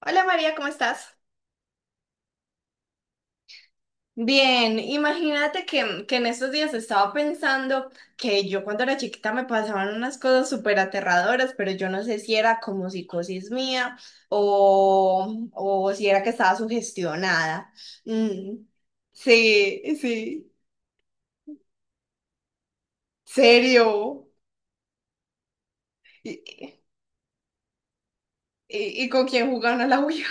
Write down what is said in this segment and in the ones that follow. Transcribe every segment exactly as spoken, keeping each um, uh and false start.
Hola María, ¿cómo estás? Bien, imagínate que, que en estos días estaba pensando que yo cuando era chiquita me pasaban unas cosas súper aterradoras, pero yo no sé si era como psicosis mía o, o si era que estaba sugestionada. Mm, Sí, sí, serio. ¿Y, y, y con quién jugaban a la Ouija?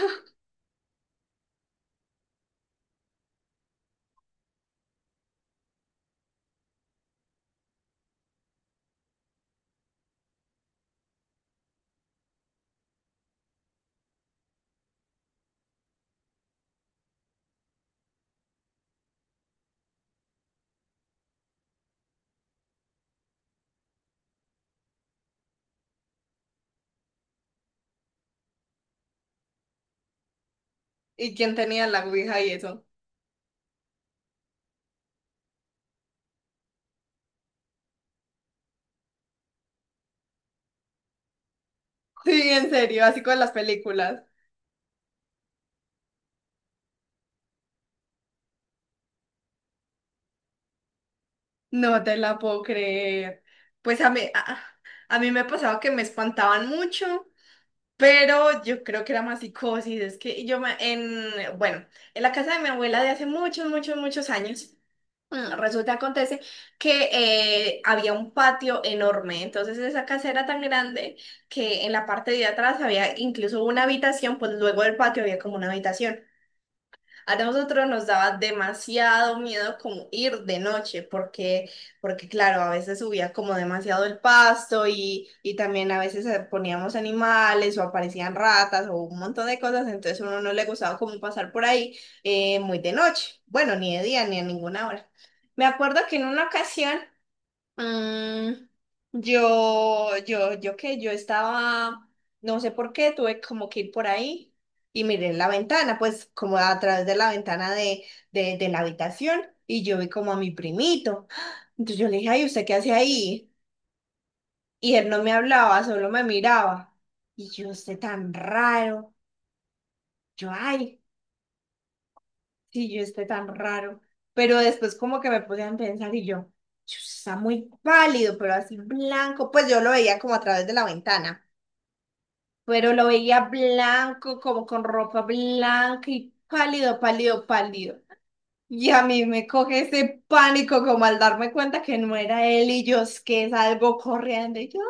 ¿Y quién tenía la Ouija y eso? Sí, en serio, así con las películas. No te la puedo creer. Pues a mí, a, a mí me pasaba que me espantaban mucho, pero yo creo que era más psicosis. Es que yo me, en, bueno, en la casa de mi abuela de hace muchos, muchos, muchos años, mm, resulta, acontece que eh, había un patio enorme. Entonces esa casa era tan grande que en la parte de atrás había incluso una habitación, pues luego del patio había como una habitación. A nosotros nos daba demasiado miedo como ir de noche, porque, porque claro, a veces subía como demasiado el pasto y, y también a veces eh, poníamos animales o aparecían ratas o un montón de cosas, entonces a uno no le gustaba como pasar por ahí eh, muy de noche, bueno, ni de día ni a ninguna hora. Me acuerdo que en una ocasión Mm, yo, yo, yo qué, yo estaba, no sé por qué, tuve como que ir por ahí y miré en la ventana, pues como a través de la ventana de, de, de la habitación y yo vi como a mi primito. Entonces yo le dije, ay, ¿usted qué hace ahí? Y él no me hablaba, solo me miraba. Y yo, usted tan raro. Yo, ay. Sí, yo esté tan raro. Pero después como que me podían pensar y yo, "Chus, está muy pálido, pero así blanco". Pues yo lo veía como a través de la ventana, pero lo veía blanco, como con ropa blanca y pálido, pálido, pálido. Y a mí me coge ese pánico como al darme cuenta que no era él y yo es que salgo corriendo y yo,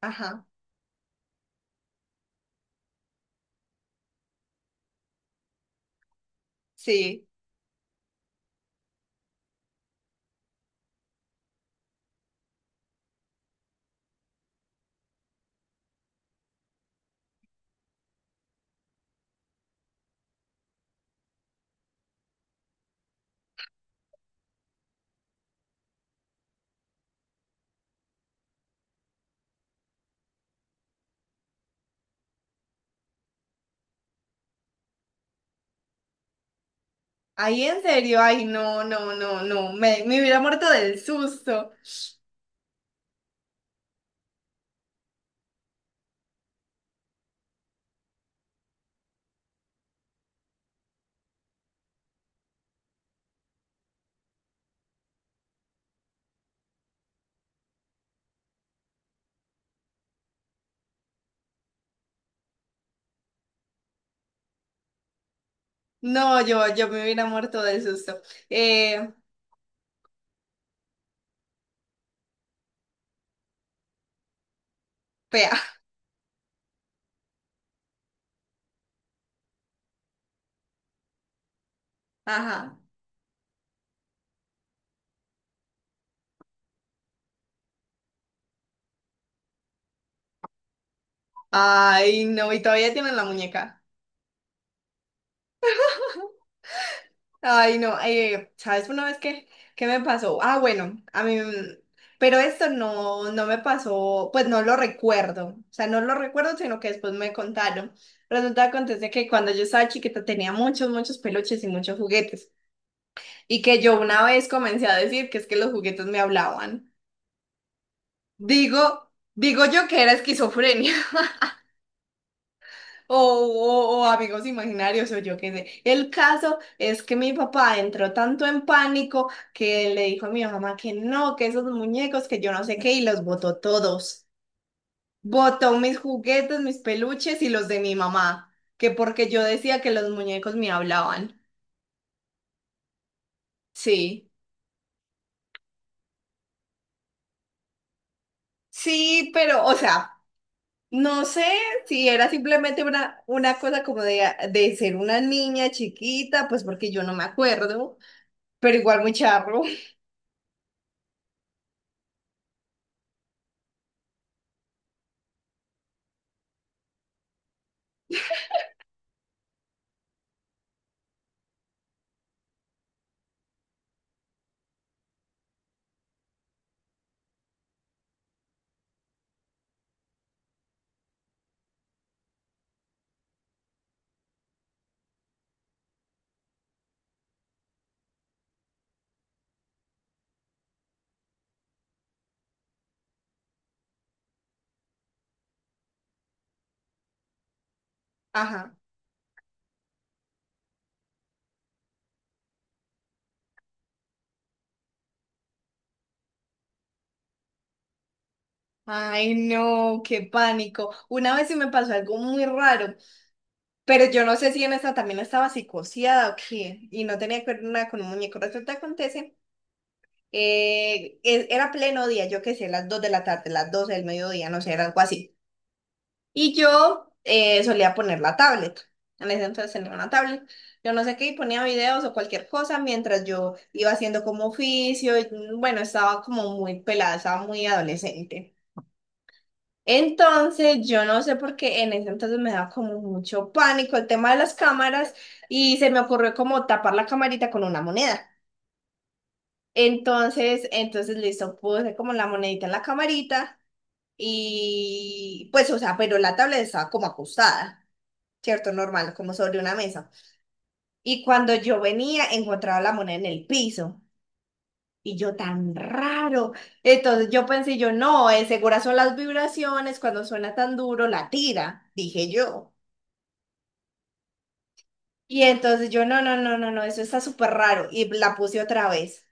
ajá, sí. Ahí en serio, ay, no, no, no, no, me, me hubiera muerto del susto. No, yo, yo me hubiera muerto del susto. Eh, Pea. Ajá. Ay, no, y todavía tienen la muñeca. Ay, no, eh, ¿sabes una vez qué, qué me pasó? Ah, bueno, a mí, mm, pero esto no, no me pasó, pues no lo recuerdo. O sea, no lo recuerdo, sino que después me contaron. Resulta que acontece que cuando yo estaba chiquita tenía muchos, muchos peluches y muchos juguetes. Y que yo una vez comencé a decir que es que los juguetes me hablaban. Digo, digo yo que era esquizofrenia. O, o- o amigos imaginarios, o yo qué sé. El caso es que mi papá entró tanto en pánico que le dijo a mi mamá que no, que esos muñecos, que yo no sé qué, y los botó todos. Botó mis juguetes, mis peluches y los de mi mamá, que porque yo decía que los muñecos me hablaban. Sí, sí, pero, o sea, no sé si era simplemente una, una cosa como de, de ser una niña chiquita, pues porque yo no me acuerdo, pero igual muy charro. Ajá. Ay, no, qué pánico. Una vez sí me pasó algo muy raro, pero yo no sé si en esta también estaba psicoseada o qué, y no tenía que ver nada con un muñeco. Resulta que acontece, eh, e- era pleno día, yo qué sé, las dos de la tarde, las doce del mediodía, no sé, era algo así. Y yo eh, solía poner la tablet. En ese entonces tenía una tablet. Yo no sé qué, y ponía videos o cualquier cosa mientras yo iba haciendo como oficio. Y, mm, bueno, estaba como muy pelada, estaba muy adolescente. Entonces, yo no sé por qué en ese entonces me daba como mucho pánico el tema de las cámaras y se me ocurrió como tapar la camarita con una moneda. Entonces, entonces listo, puse como la monedita en la camarita y pues, o sea, pero la tablet estaba como acostada, ¿cierto? Normal, como sobre una mesa. Y cuando yo venía, encontraba la moneda en el piso. Y yo tan raro. Entonces yo pensé, yo no, eh, segura son las vibraciones, cuando suena tan duro, la tira, dije yo. Y entonces yo, no, no, no, no, no, eso está súper raro. Y la puse otra vez.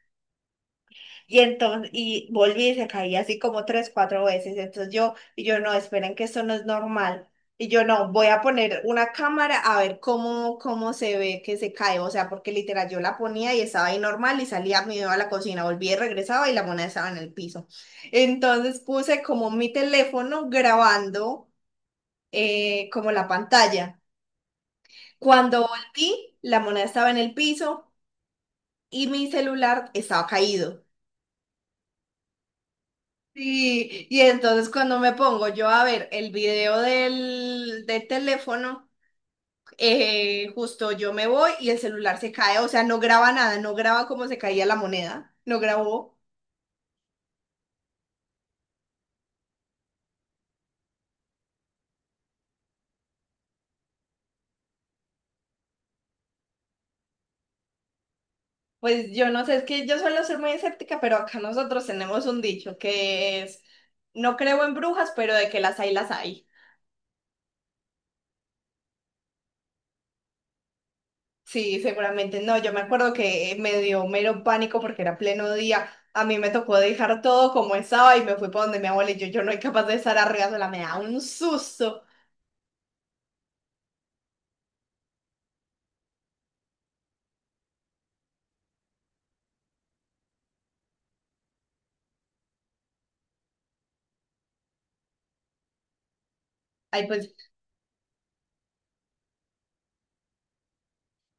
Y entonces, y volví y se caía así como tres, cuatro veces. Entonces yo, y yo, no, esperen que esto no es normal. Y yo, no, voy a poner una cámara a ver cómo, cómo se ve que se cae. O sea, porque literal yo la ponía y estaba ahí normal y salía, me iba a la cocina, volvía y regresaba y la moneda estaba en el piso. Entonces puse como mi teléfono grabando eh, como la pantalla. Cuando volví, la moneda estaba en el piso y mi celular estaba caído. Sí, y entonces cuando me pongo yo a ver el video del, del teléfono, eh, justo yo me voy y el celular se cae, o sea, no graba nada, no graba cómo se caía la moneda, no grabó. Pues yo no sé, es que yo suelo ser muy escéptica, pero acá nosotros tenemos un dicho que es, no creo en brujas, pero de que las hay, las hay. Sí, seguramente no. Yo me acuerdo que me dio mero pánico porque era pleno día. A mí me tocó dejar todo como estaba y me fui para donde mi abuela y yo, yo no soy capaz de estar arriba sola, me da un susto. Ay, pues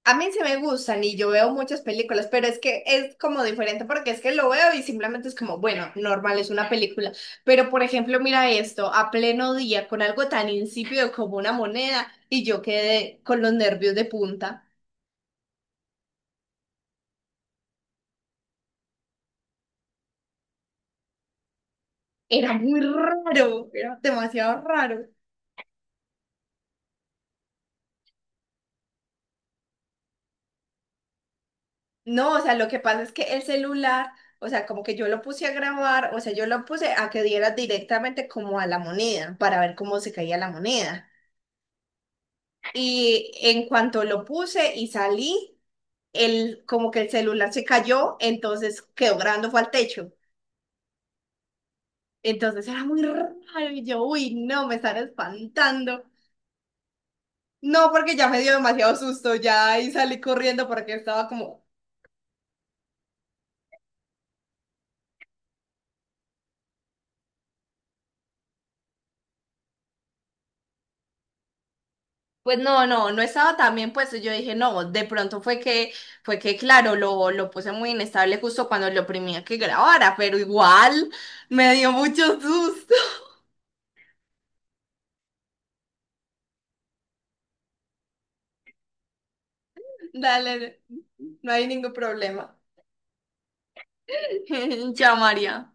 a mí sí me gustan y yo veo muchas películas, pero es que es como diferente porque es que lo veo y simplemente es como, bueno, normal, es una película. Pero por ejemplo, mira esto, a pleno día con algo tan insípido como una moneda y yo quedé con los nervios de punta. Era muy raro, era demasiado raro. No, o sea, lo que pasa es que el celular, o sea, como que yo lo puse a grabar, o sea, yo lo puse a que diera directamente como a la moneda para ver cómo se caía la moneda. Y en cuanto lo puse y salí, el, como que el celular se cayó, entonces quedó grabando fue al techo. Entonces era muy raro y yo, uy, no, me están espantando. No, porque ya me dio demasiado susto ya y salí corriendo porque estaba como, pues no, no, no estaba tan bien puesto. Yo dije, no, de pronto fue que, fue que, claro, lo, lo puse muy inestable justo cuando lo oprimía que grabara, pero igual me dio mucho susto. Dale, no hay ningún problema. Ya, María.